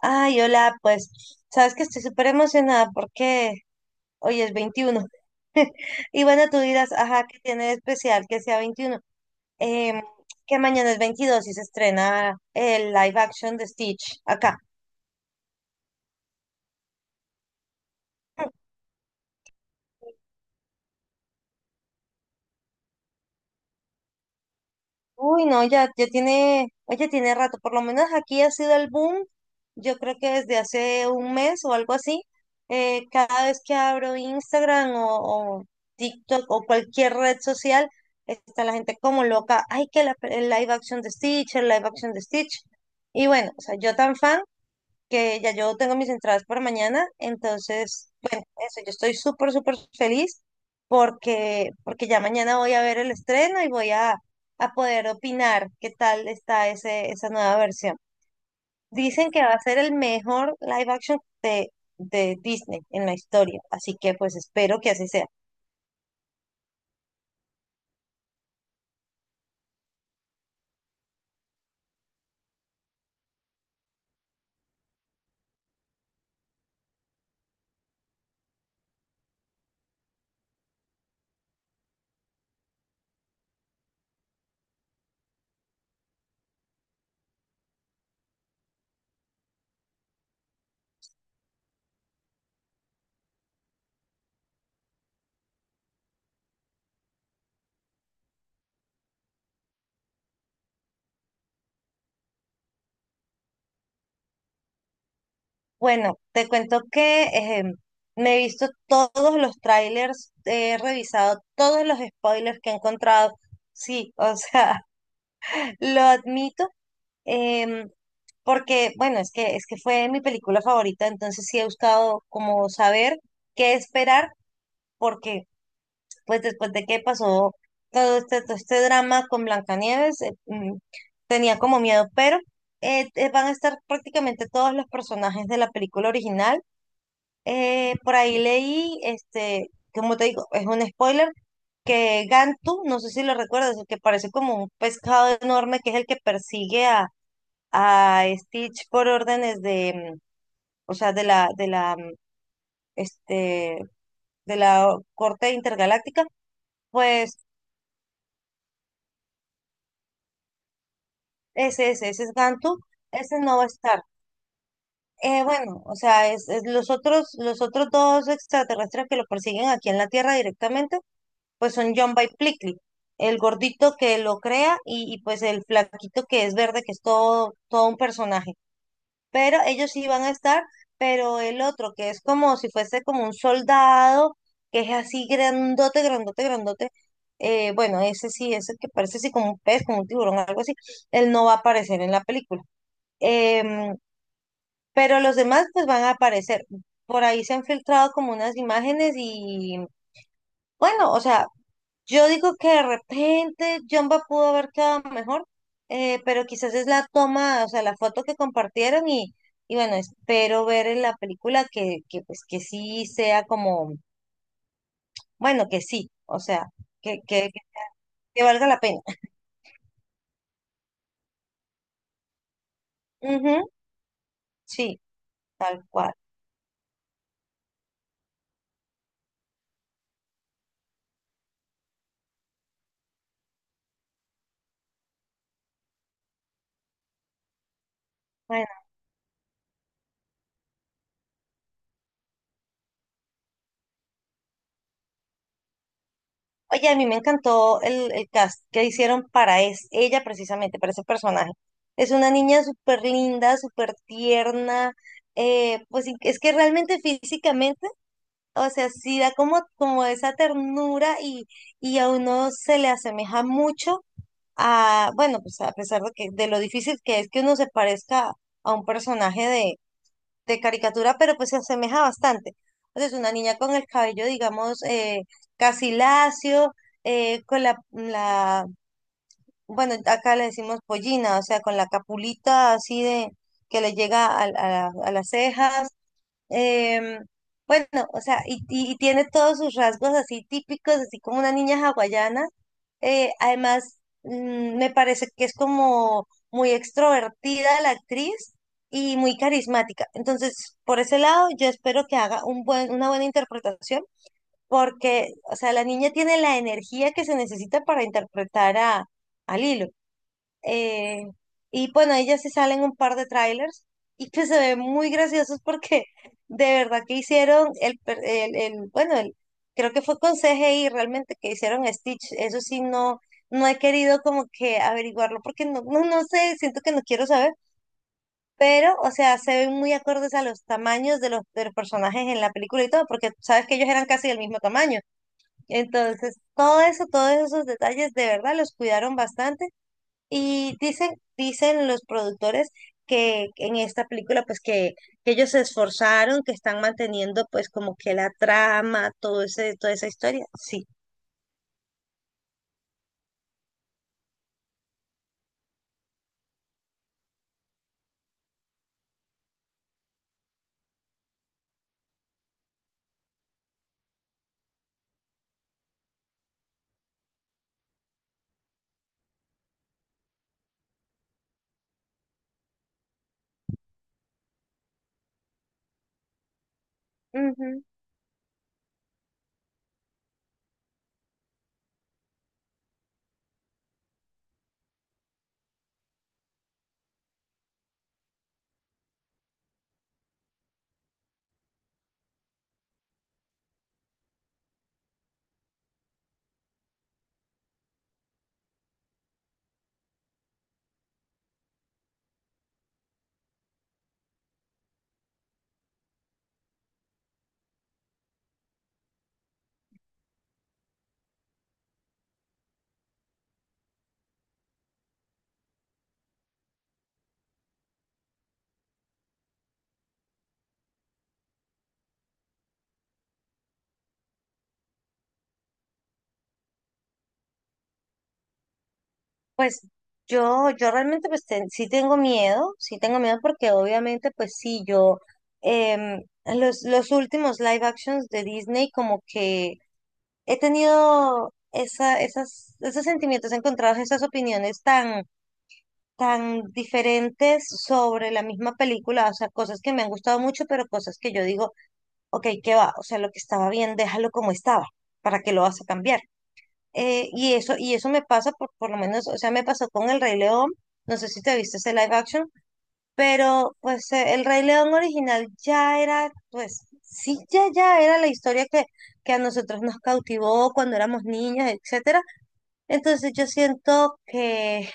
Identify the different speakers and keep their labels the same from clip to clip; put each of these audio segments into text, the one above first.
Speaker 1: Ay, hola, pues, sabes que estoy súper emocionada porque hoy es 21. Y bueno, tú dirás, ajá, ¿qué tiene de especial que sea 21? Em, que mañana es 22 y se estrena el live action de Stitch acá. Uy, no, ya tiene, oye, tiene rato, por lo menos aquí ha sido el boom, yo creo que desde hace un mes o algo así. Cada vez que abro Instagram o TikTok o cualquier red social, está la gente como loca, ay, que la, el live action de Stitch, el live action de Stitch. Y bueno, o sea, yo tan fan que ya yo tengo mis entradas para mañana. Entonces, bueno, eso, yo estoy súper, súper feliz porque, porque ya mañana voy a ver el estreno y voy a poder opinar qué tal está ese, esa nueva versión. Dicen que va a ser el mejor live action de Disney en la historia, así que pues espero que así sea. Bueno, te cuento que me he visto todos los trailers, he revisado todos los spoilers que he encontrado. Sí, o sea, lo admito, em, porque, bueno, es que fue mi película favorita, entonces sí he buscado como saber qué esperar, porque pues después de que pasó todo este drama con Blancanieves, tenía como miedo. Pero van a estar prácticamente todos los personajes de la película original. Por ahí leí, este, como te digo, es un spoiler, que Gantu, no sé si lo recuerdas, el que parece como un pescado enorme, que es el que persigue a Stitch por órdenes de, o sea, de la, este, de la corte intergaláctica. Pues ese es Gantu, ese no va a estar. Bueno, o sea, es los otros dos extraterrestres que lo persiguen aquí en la Tierra directamente, pues son John by Plickly, el gordito que lo crea y pues el flaquito que es verde, que es todo, todo un personaje. Pero ellos sí van a estar, pero el otro, que es como si fuese como un soldado, que es así grandote, grandote, grandote, bueno, ese sí, ese que parece así como un pez, como un tiburón, algo así, él no va a aparecer en la película. Em, pero los demás pues van a aparecer. Por ahí se han filtrado como unas imágenes y bueno, o sea, yo digo que de repente Jumba pudo haber quedado mejor. Pero quizás es la toma, o sea, la foto que compartieron y bueno, espero ver en la película que pues que sí sea como, bueno, que sí, o sea, que, que, que valga la pena. Ujú, sí, tal cual. Bueno, oye, a mí me encantó el cast que hicieron para es, ella precisamente, para ese personaje. Es una niña súper linda, súper tierna, pues es que realmente físicamente o sea, sí da como, como esa ternura y a uno se le asemeja mucho a, bueno, pues a pesar de que de lo difícil que es que uno se parezca a un personaje de caricatura, pero pues se asemeja bastante. Entonces, una niña con el cabello, digamos, casi lacio, con la, la, bueno, acá le decimos pollina, o sea, con la capulita así de que le llega a a las cejas. Em, bueno, o sea, y, y tiene todos sus rasgos así típicos, así como una niña hawaiana. Además, me parece que es como muy extrovertida la actriz y muy carismática. Entonces, por ese lado, yo espero que haga un buen, una buena interpretación, porque, o sea, la niña tiene la energía que se necesita para interpretar a Lilo. Eh, y bueno, ahí ya se salen un par de trailers y que se ven muy graciosos porque de verdad que hicieron el, el, bueno, el, creo que fue con CGI realmente que hicieron a Stitch. Eso sí, no, no he querido como que averiguarlo porque no, no, no sé, siento que no quiero saber. Pero, o sea, se ven muy acordes a los tamaños de los personajes en la película y todo, porque sabes que ellos eran casi del mismo tamaño. Entonces, todo eso, todos esos detalles de verdad los cuidaron bastante. Y dicen, dicen los productores que en esta película, pues que ellos se esforzaron, que están manteniendo pues como que la trama, todo ese, toda esa historia. Sí. Ujú. Pues yo realmente pues sí tengo miedo porque obviamente pues sí, yo los últimos live actions de Disney como que he tenido esa, esas, esos sentimientos encontrados, esas opiniones tan tan diferentes sobre la misma película, o sea, cosas que me han gustado mucho, pero cosas que yo digo, ok, ¿qué va? O sea, lo que estaba bien, déjalo como estaba, ¿para qué lo vas a cambiar? Y eso, y eso me pasa por lo menos, o sea, me pasó con El Rey León, no sé si te viste ese live action. Pero pues El Rey León original ya era, pues sí, ya, ya era la historia que a nosotros nos cautivó cuando éramos niñas, etcétera. Entonces yo siento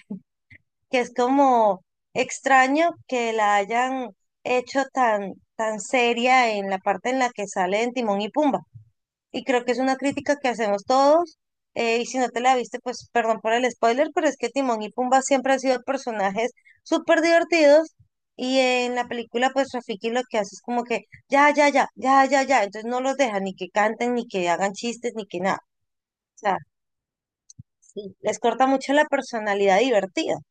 Speaker 1: que es como extraño que la hayan hecho tan, tan seria en la parte en la que sale en Timón y Pumba. Y creo que es una crítica que hacemos todos. Y si no te la viste, pues perdón por el spoiler, pero es que Timón y Pumba siempre han sido personajes súper divertidos. Y en la película, pues Rafiki lo que hace es como que ya, ya, ya, ya, ya, ya. Entonces no los deja ni que canten, ni que hagan chistes, ni que nada. O sea, sí, les corta mucho la personalidad divertida.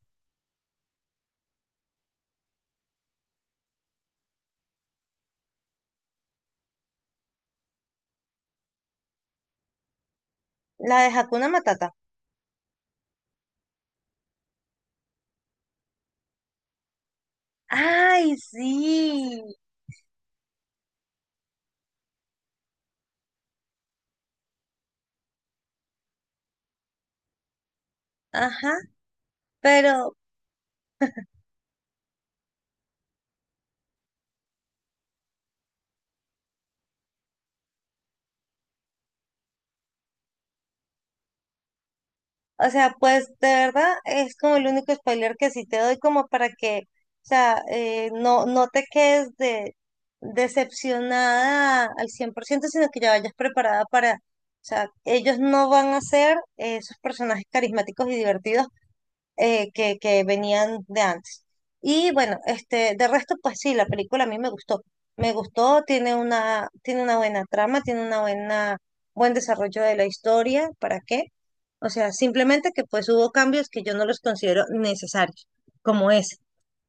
Speaker 1: La de Hakuna Matata. Ay, sí, ajá, pero, o sea, pues de verdad es como el único spoiler que sí te doy como para que, o sea, no, no te quedes de, decepcionada al 100 por ciento, sino que ya vayas preparada para, o sea, ellos no van a ser esos personajes carismáticos y divertidos que venían de antes. Y bueno, este, de resto, pues sí, la película a mí me gustó. Me gustó, tiene una buena trama, tiene una buena, buen desarrollo de la historia. ¿Para qué? O sea, simplemente que pues hubo cambios que yo no los considero necesarios, como ese.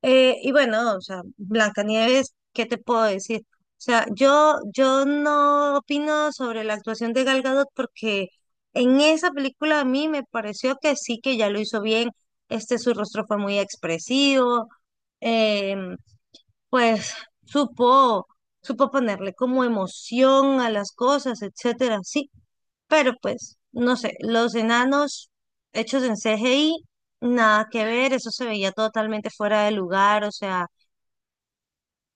Speaker 1: Y bueno, o sea, Blancanieves, ¿qué te puedo decir? O sea, yo no opino sobre la actuación de Gal Gadot porque en esa película a mí me pareció que sí que ya lo hizo bien. Este, su rostro fue muy expresivo, em, pues supo, supo ponerle como emoción a las cosas, etcétera, sí. Pero pues, no sé, los enanos hechos en CGI, nada que ver, eso se veía totalmente fuera de lugar, o sea.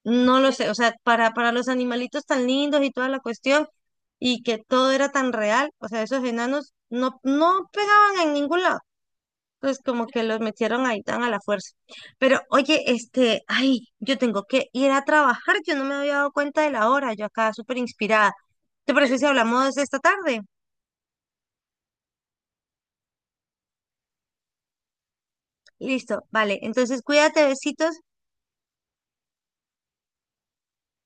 Speaker 1: No lo sé, o sea, para los animalitos tan lindos y toda la cuestión, y que todo era tan real, o sea, esos enanos no, no pegaban en ningún lado. Entonces, como que los metieron ahí tan a la fuerza. Pero, oye, este, ay, yo tengo que ir a trabajar, yo no me había dado cuenta de la hora, yo acá súper inspirada. ¿Te parece si hablamos esta tarde? Listo, vale, entonces cuídate, besitos.